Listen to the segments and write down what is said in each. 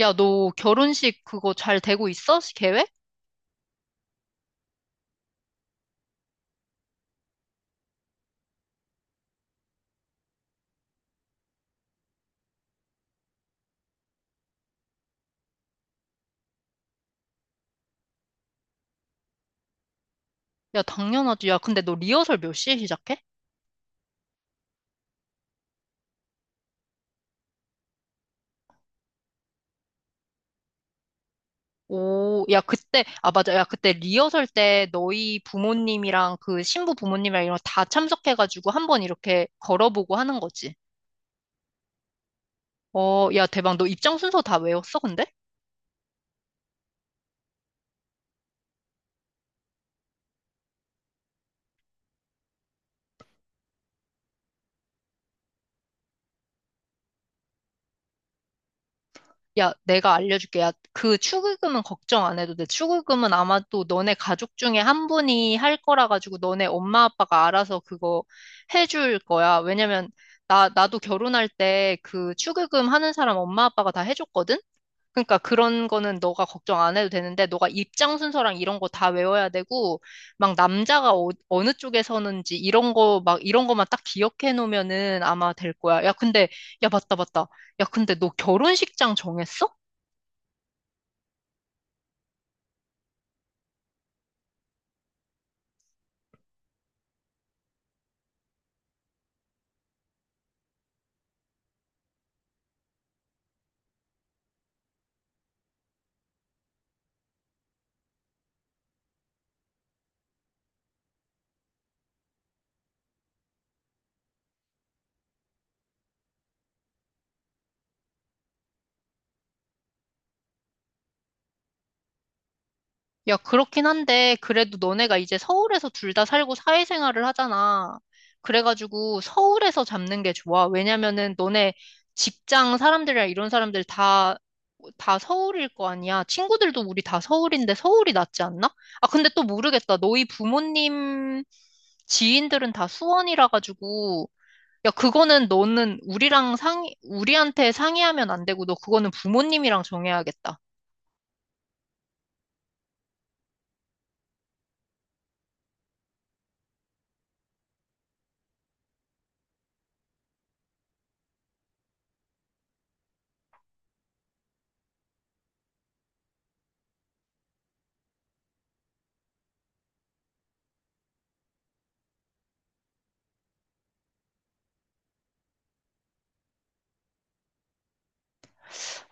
야, 너 결혼식 그거 잘 되고 있어? 계획? 야, 당연하지. 야, 근데 너 리허설 몇 시에 시작해? 오, 야, 그때, 아, 맞아. 야, 그때 리허설 때 너희 부모님이랑 그 신부 부모님이랑 이런 거 다 참석해가지고 한 번 이렇게 걸어보고 하는 거지. 어, 야, 대박. 너 입장 순서 다 외웠어, 근데? 야, 내가 알려줄게. 야, 그 축의금은 걱정 안 해도 돼. 축의금은 아마 도 너네 가족 중에 한 분이 할 거라 가지고 너네 엄마 아빠가 알아서 그거 해줄 거야. 왜냐면 나도 결혼할 때 그 축의금 하는 사람 엄마 아빠가 다 해줬거든? 그러니까 그런 거는 너가 걱정 안 해도 되는데 너가 입장 순서랑 이런 거 다 외워야 되고 막 남자가 어, 어느 쪽에 서는지 이런 거 막 이런 거만 딱 기억해 놓으면은 아마 될 거야. 야, 근데 야, 맞다, 맞다. 야, 근데 너 결혼식장 정했어? 야, 그렇긴 한데, 그래도 너네가 이제 서울에서 둘 다 살고 사회생활을 하잖아. 그래가지고 서울에서 잡는 게 좋아. 왜냐면은 너네 직장 사람들이랑 이런 사람들 다 서울일 거 아니야. 친구들도 우리 다 서울인데 서울이 낫지 않나? 아, 근데 또 모르겠다. 너희 부모님 지인들은 다 수원이라 가지고, 야, 그거는 너는 우리랑 우리한테 상의하면 안 되고, 너 그거는 부모님이랑 정해야겠다.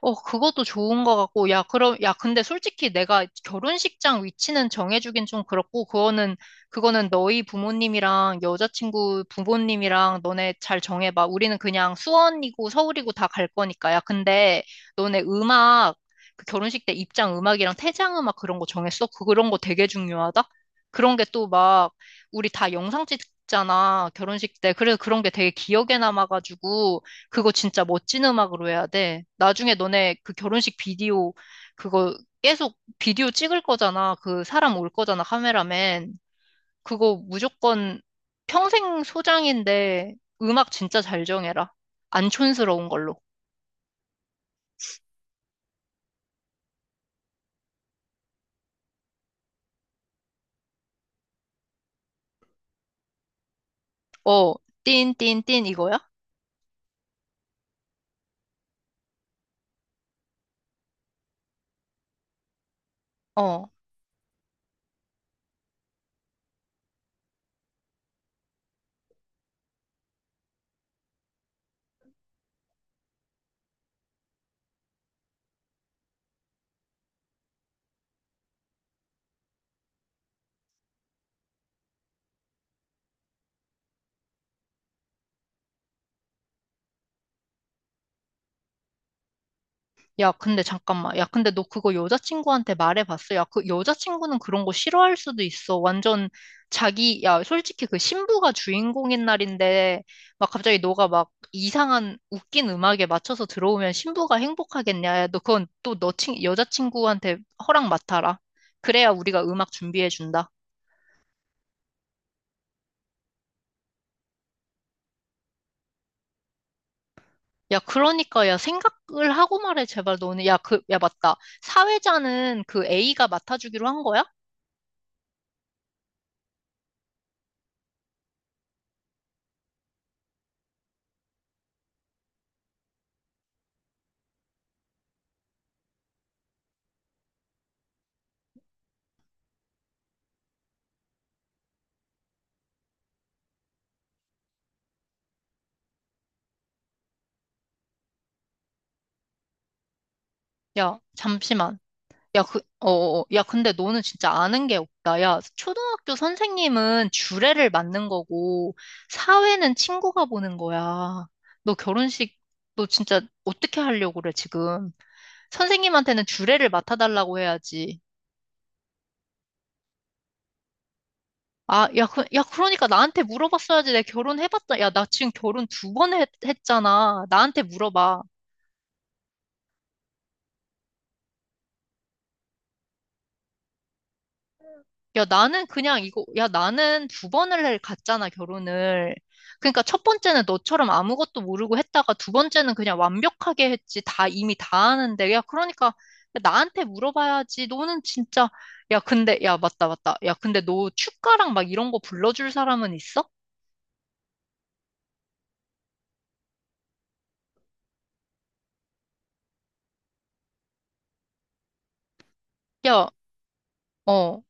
어, 그것도 좋은 것 같고, 야, 그럼, 야, 근데 솔직히 내가 결혼식장 위치는 정해주긴 좀 그렇고, 그거는 너희 부모님이랑 여자친구 부모님이랑 너네 잘 정해봐. 우리는 그냥 수원이고 서울이고 다 갈 거니까. 야, 근데 너네 그 결혼식 때 입장 음악이랑 퇴장 음악 그런 거 정했어? 그런 거 되게 중요하다? 그런 게 또 막, 우리 다 영상 찍잖아, 결혼식 때. 그래서 그런 게 되게 기억에 남아가지고, 그거 진짜 멋진 음악으로 해야 돼. 나중에 너네 그 결혼식 비디오 그거 계속 비디오 찍을 거잖아. 그 사람 올 거잖아, 카메라맨. 그거 무조건 평생 소장인데 음악 진짜 잘 정해라. 안 촌스러운 걸로. 어, 띵, 띵, 띵 이거야? 어. 야, 근데 잠깐만. 야, 근데 너 그거 여자친구한테 말해봤어? 야, 그 여자친구는 그런 거 싫어할 수도 있어. 완전 야, 솔직히 그 신부가 주인공인 날인데, 막 갑자기 너가 막 이상한 웃긴 음악에 맞춰서 들어오면 신부가 행복하겠냐? 야, 너 그건 또 너 여자친구한테 허락 맡아라. 그래야 우리가 음악 준비해준다. 야, 그러니까, 야, 생각을 하고 말해, 제발 너는. 야, 야, 맞다. 사회자는 그 A가 맡아주기로 한 거야? 야, 잠시만. 야, 야, 근데 너는 진짜 아는 게 없다. 야, 초등학교 선생님은 주례를 맡는 거고, 사회는 친구가 보는 거야. 너 결혼식, 너 진짜 어떻게 하려고 그래, 지금? 선생님한테는 주례를 맡아달라고 해야지. 아, 야, 야, 그러니까 나한테 물어봤어야지. 내 결혼해봤자. 야, 나 지금 결혼 두 번 했잖아. 나한테 물어봐. 야, 나는 야, 나는 갔잖아, 결혼을. 그러니까 첫 번째는 너처럼 아무것도 모르고 했다가 두 번째는 그냥 완벽하게 했지. 이미 다 아는데. 야, 그러니까 나한테 물어봐야지. 너는 진짜, 야, 근데, 야, 맞다, 맞다. 야, 근데 너 축가랑 막 이런 거 불러줄 사람은 있어? 야, 어.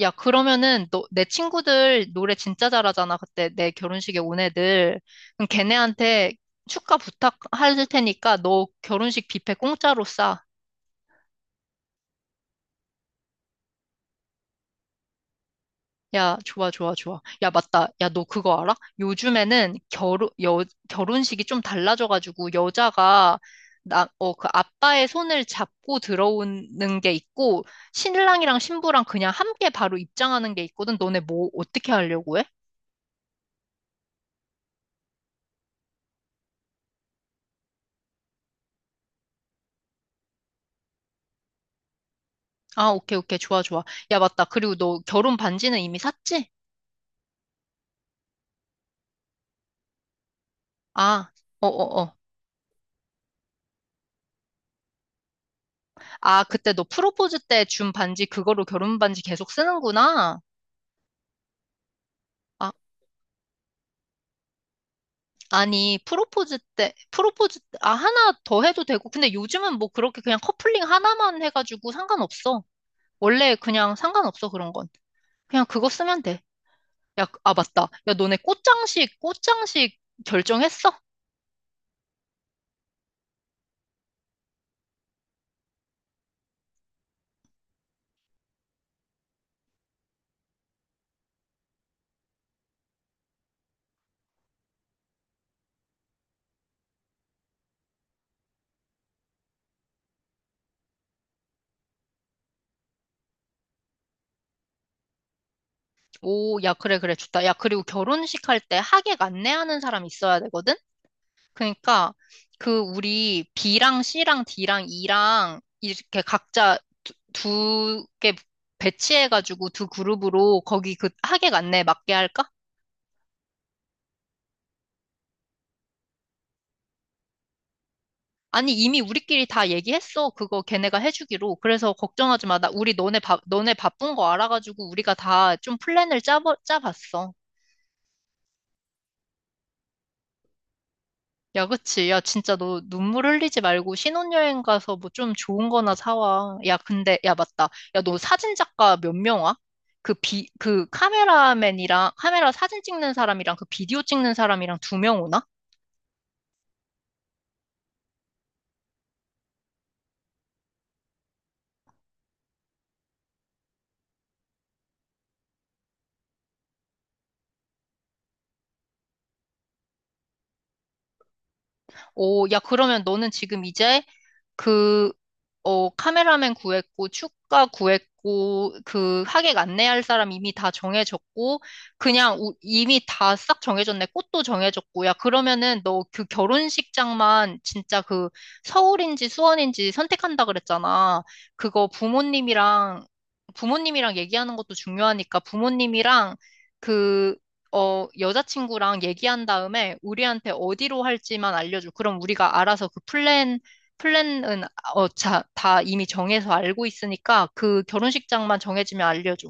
야, 그러면은 너, 내 친구들 노래 진짜 잘하잖아. 그때 내 결혼식에 온 애들. 그럼 걔네한테 축가 부탁할 테니까 너 결혼식 뷔페 공짜로 싸. 야, 좋아, 좋아, 좋아. 야, 맞다. 야, 너 그거 알아? 요즘에는 결혼식이 좀 달라져가지고 여자가 그 아빠의 손을 잡고 들어오는 게 있고 신랑이랑 신부랑 그냥 함께 바로 입장하는 게 있거든. 너네 뭐 어떻게 하려고 해? 아, 오케이, 오케이. 좋아, 좋아. 야, 맞다. 그리고 너 결혼 반지는 이미 샀지? 아, 어, 어, 어. 아, 그때 너 프로포즈 때 준 반지 그거로 결혼 반지 계속 쓰는구나. 아, 아니, 아, 하나 더 해도 되고. 근데 요즘은 뭐 그렇게 그냥 커플링 하나만 해가지고 상관없어. 원래 그냥 상관없어, 그런 건. 그냥 그거 쓰면 돼. 야, 아, 맞다. 야, 너네 꽃장식 결정했어? 오, 야, 그래, 그래, 좋다. 야, 그리고 결혼식 할 때 하객 안내하는 사람 있어야 되거든? 그러니까 그 우리 B랑 C랑 D랑 E랑 이렇게 각자 두 개 배치해가지고 두 그룹으로 거기 그하액 안내 맞게 할까? 아니 이미 우리끼리 다 얘기했어. 그거 걔네가 해주기로. 그래서 걱정하지 마. 나 우리 너네 너네 바쁜 거 알아가지고 우리가 다 좀 플랜을 짜 짜봤어. 야, 그치. 야, 진짜 너 눈물 흘리지 말고 신혼여행 가서 뭐 좀 좋은 거나 사와. 야, 근데, 야, 맞다. 야, 너 사진작가 몇 명 와? 그 그 카메라맨이랑, 카메라 사진 찍는 사람이랑 그 비디오 찍는 사람이랑 두 명 오나? 오, 야, 그러면 너는 지금 이제 그, 어, 카메라맨 구했고, 축가 구했고, 그 하객 안내할 사람 이미 다 정해졌고, 그냥 이미 다 싹 정해졌네. 꽃도 정해졌고, 야, 그러면은 너 그 결혼식장만 진짜 그 서울인지 수원인지 선택한다 그랬잖아. 그거 부모님이랑, 부모님이랑 얘기하는 것도 중요하니까 부모님이랑 그, 어, 여자친구랑 얘기한 다음에 우리한테 어디로 할지만 알려줘. 그럼 우리가 알아서 그 플랜은 어, 자, 다 이미 정해서 알고 있으니까 그 결혼식장만 정해지면 알려줘.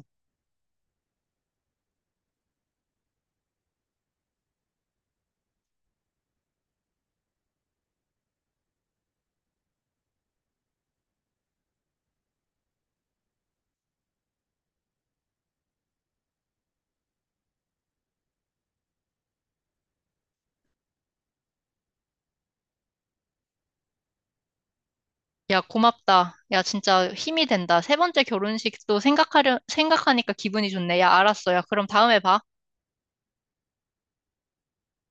야, 고맙다. 야, 진짜 힘이 된다. 세 번째 결혼식도 생각하니까 기분이 좋네. 야, 알았어. 야, 그럼 다음에 봐.